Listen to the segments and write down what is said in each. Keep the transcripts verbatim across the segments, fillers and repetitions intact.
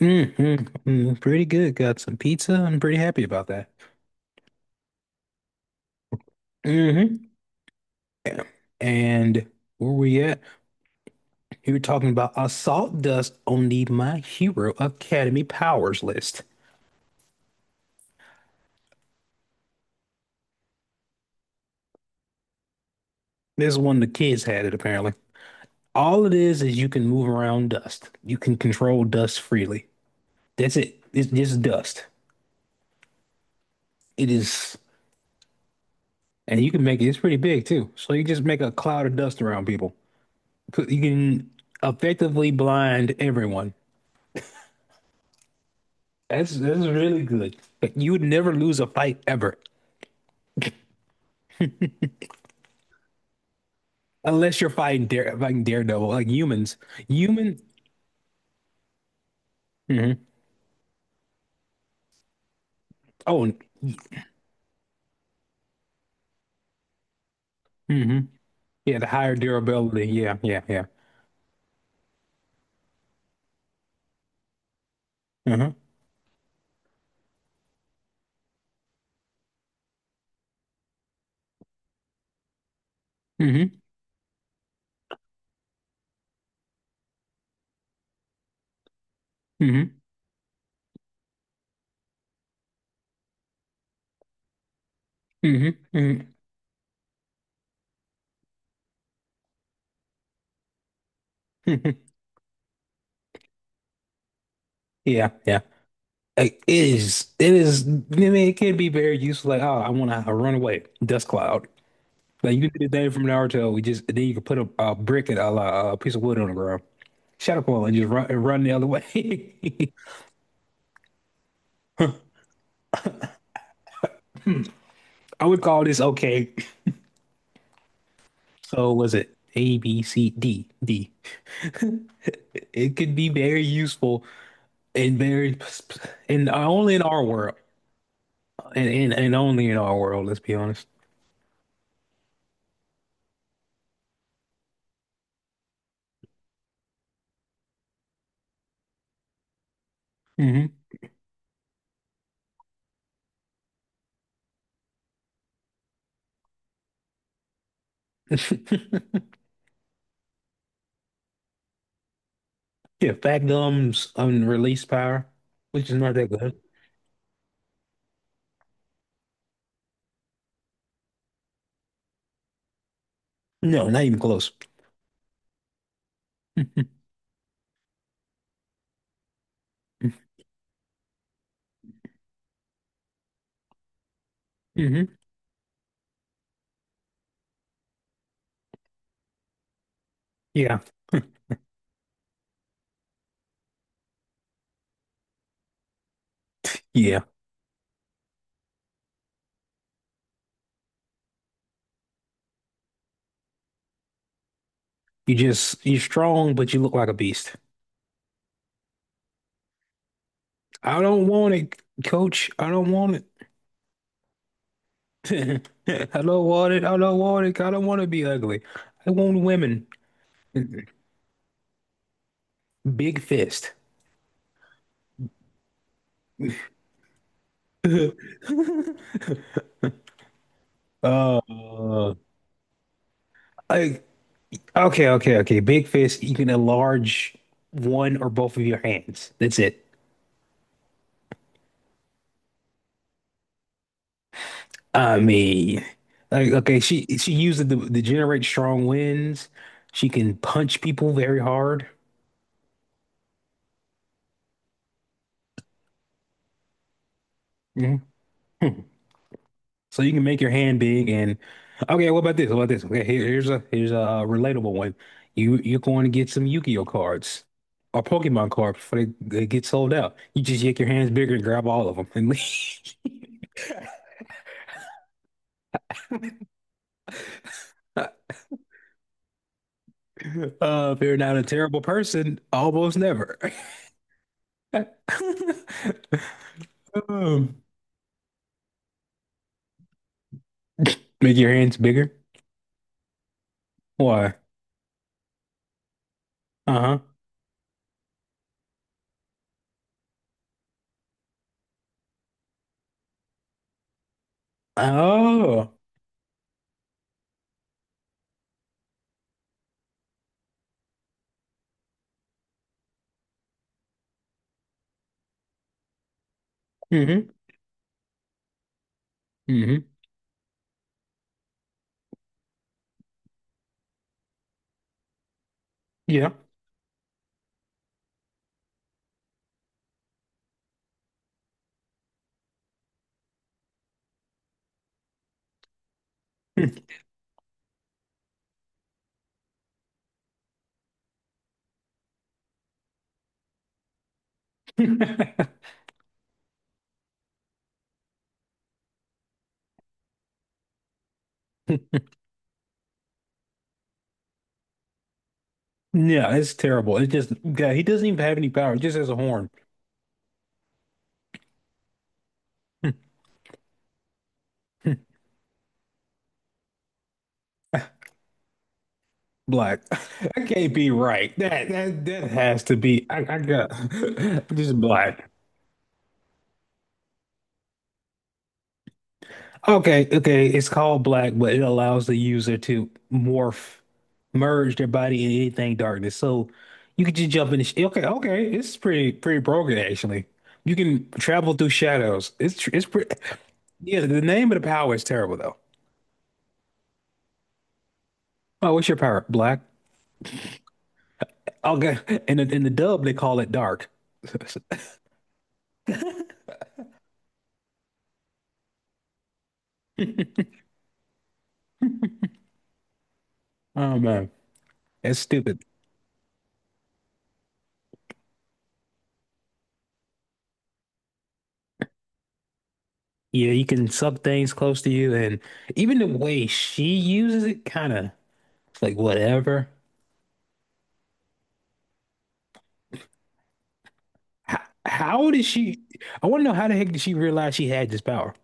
Mm, hmm. Pretty good. Got some pizza. I'm pretty happy about that. Hmm. And where we at? You were talking about assault dust on the My Hero Academy powers list. This is one the kids had it apparently. All it is is you can move around dust. You can control dust freely. That's it. It's just dust. It is, and you can make it. It's pretty big too. So you just make a cloud of dust around people. You can effectively blind everyone. That's that's really good. Like you would never lose a fight ever, unless you're fighting dare fighting Daredevil, like humans. Human. Hmm. Oh. Hmm. Yeah, the higher durability. Yeah, yeah, yeah. Hmm. Hmm. Hmm. Hmm. Hmm. Yeah, yeah. Like, it is. It is. I mean, it can be very useful. Like, oh, I want to run away. Dust cloud. Like you can do the thing from Naruto. We just then you can put a, a brick and a, a piece of wood on the ground. Shut up, and just run and run the other way. I would call this okay. So was it A, B, C, D, D? It could be very useful and very, and only in our world, and and, and only in our world. Let's be honest. Hmm. Yeah, Factum's unreleased power, which is not that good. No, not even close. Hmm. Yeah, yeah. You just you're strong, but you look like a beast. I don't want it, coach. I don't want it. I don't want it. I don't want it. I don't want to be ugly. I want women. Big fist. Uh, like okay, okay, okay. Big fist. You can enlarge one or both of your hands. That's it. I mean, like okay, she she uses the to to generate strong winds. She can punch people very hard. Mhm. So you can make your hand big and okay, what about this? What about this? Okay, here, here's a here's a uh, relatable one. You you're going to get some Yu-Gi-Oh cards or Pokemon cards before they, they get sold out. You just make your hands bigger and grab all of them and leave. Uh, if you're not a terrible person, almost never. Um, make your hands bigger. Why? Uh-huh. Oh. Mm-hmm. Mm-hmm. Yeah. Yeah, it's terrible. It just, yeah, he doesn't even have any power. He just has a horn. Black. That can't be right. That that that has to be. I, I got just black. Okay, okay. It's called black, but it allows the user to morph, merge their body in anything darkness. So you could just jump in. The sh Okay, okay. It's pretty pretty broken actually. You can travel through shadows. It's tr- it's pretty. Yeah, the name of the power is terrible though. Oh, what's your power? Black. Okay. In the, in the dub, they call it dark. Oh man, that's stupid. Yeah, you can sub things close to you, and even the way she uses it, kind of like whatever. How, how did she? I want to know how the heck did she realize she had this power?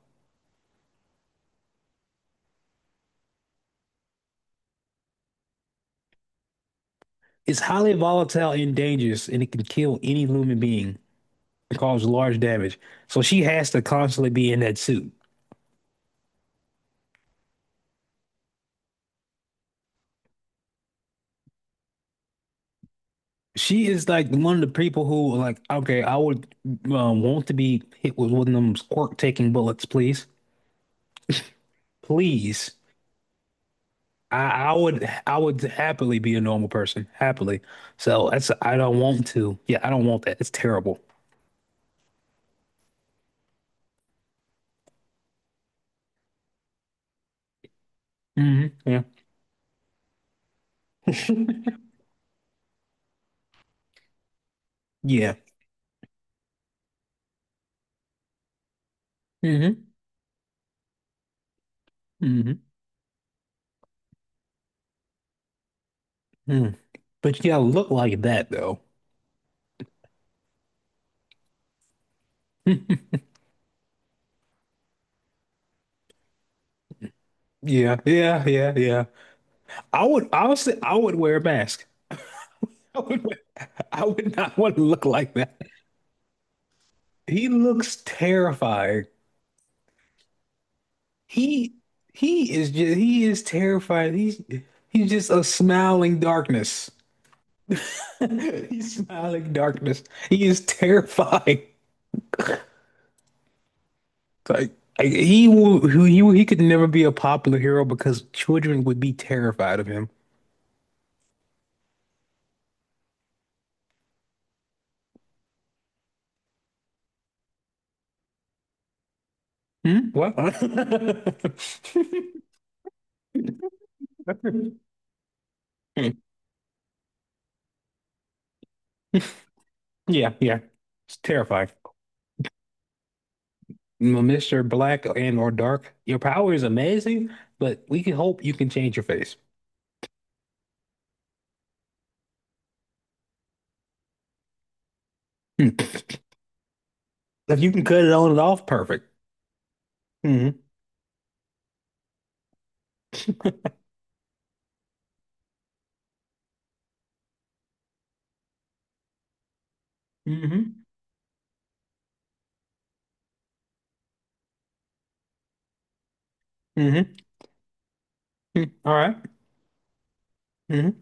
It's highly volatile and dangerous, and it can kill any human being and cause large damage. So she has to constantly be in that suit. She is like one of the people who are like, okay, I would um, want to be hit with one of them quirk-taking bullets, please. Please. I, I would I would happily be a normal person. Happily. So that's I don't want to. Yeah, I don't want that. It's terrible. Hmm. Yeah. Yeah. Hmm. Hmm. Mm. But you gotta look like that though. Yeah, yeah, yeah, yeah. I would honestly I would wear a mask. I would wear, I would not want to look like that. He looks terrifying. He he is just he is terrified. He's he's just a smiling darkness. He's smiling darkness. He is terrifying. Like, like he will, he he could never be a popular hero because children would be terrified of him. Hmm? What? Yeah, yeah. It's terrifying. M- mister Black and or Dark, your power is amazing, but we can hope you can change your face. Hmm. If you can cut it on and off, perfect. Hmm. Hmm. Hmm. All right. Mhm.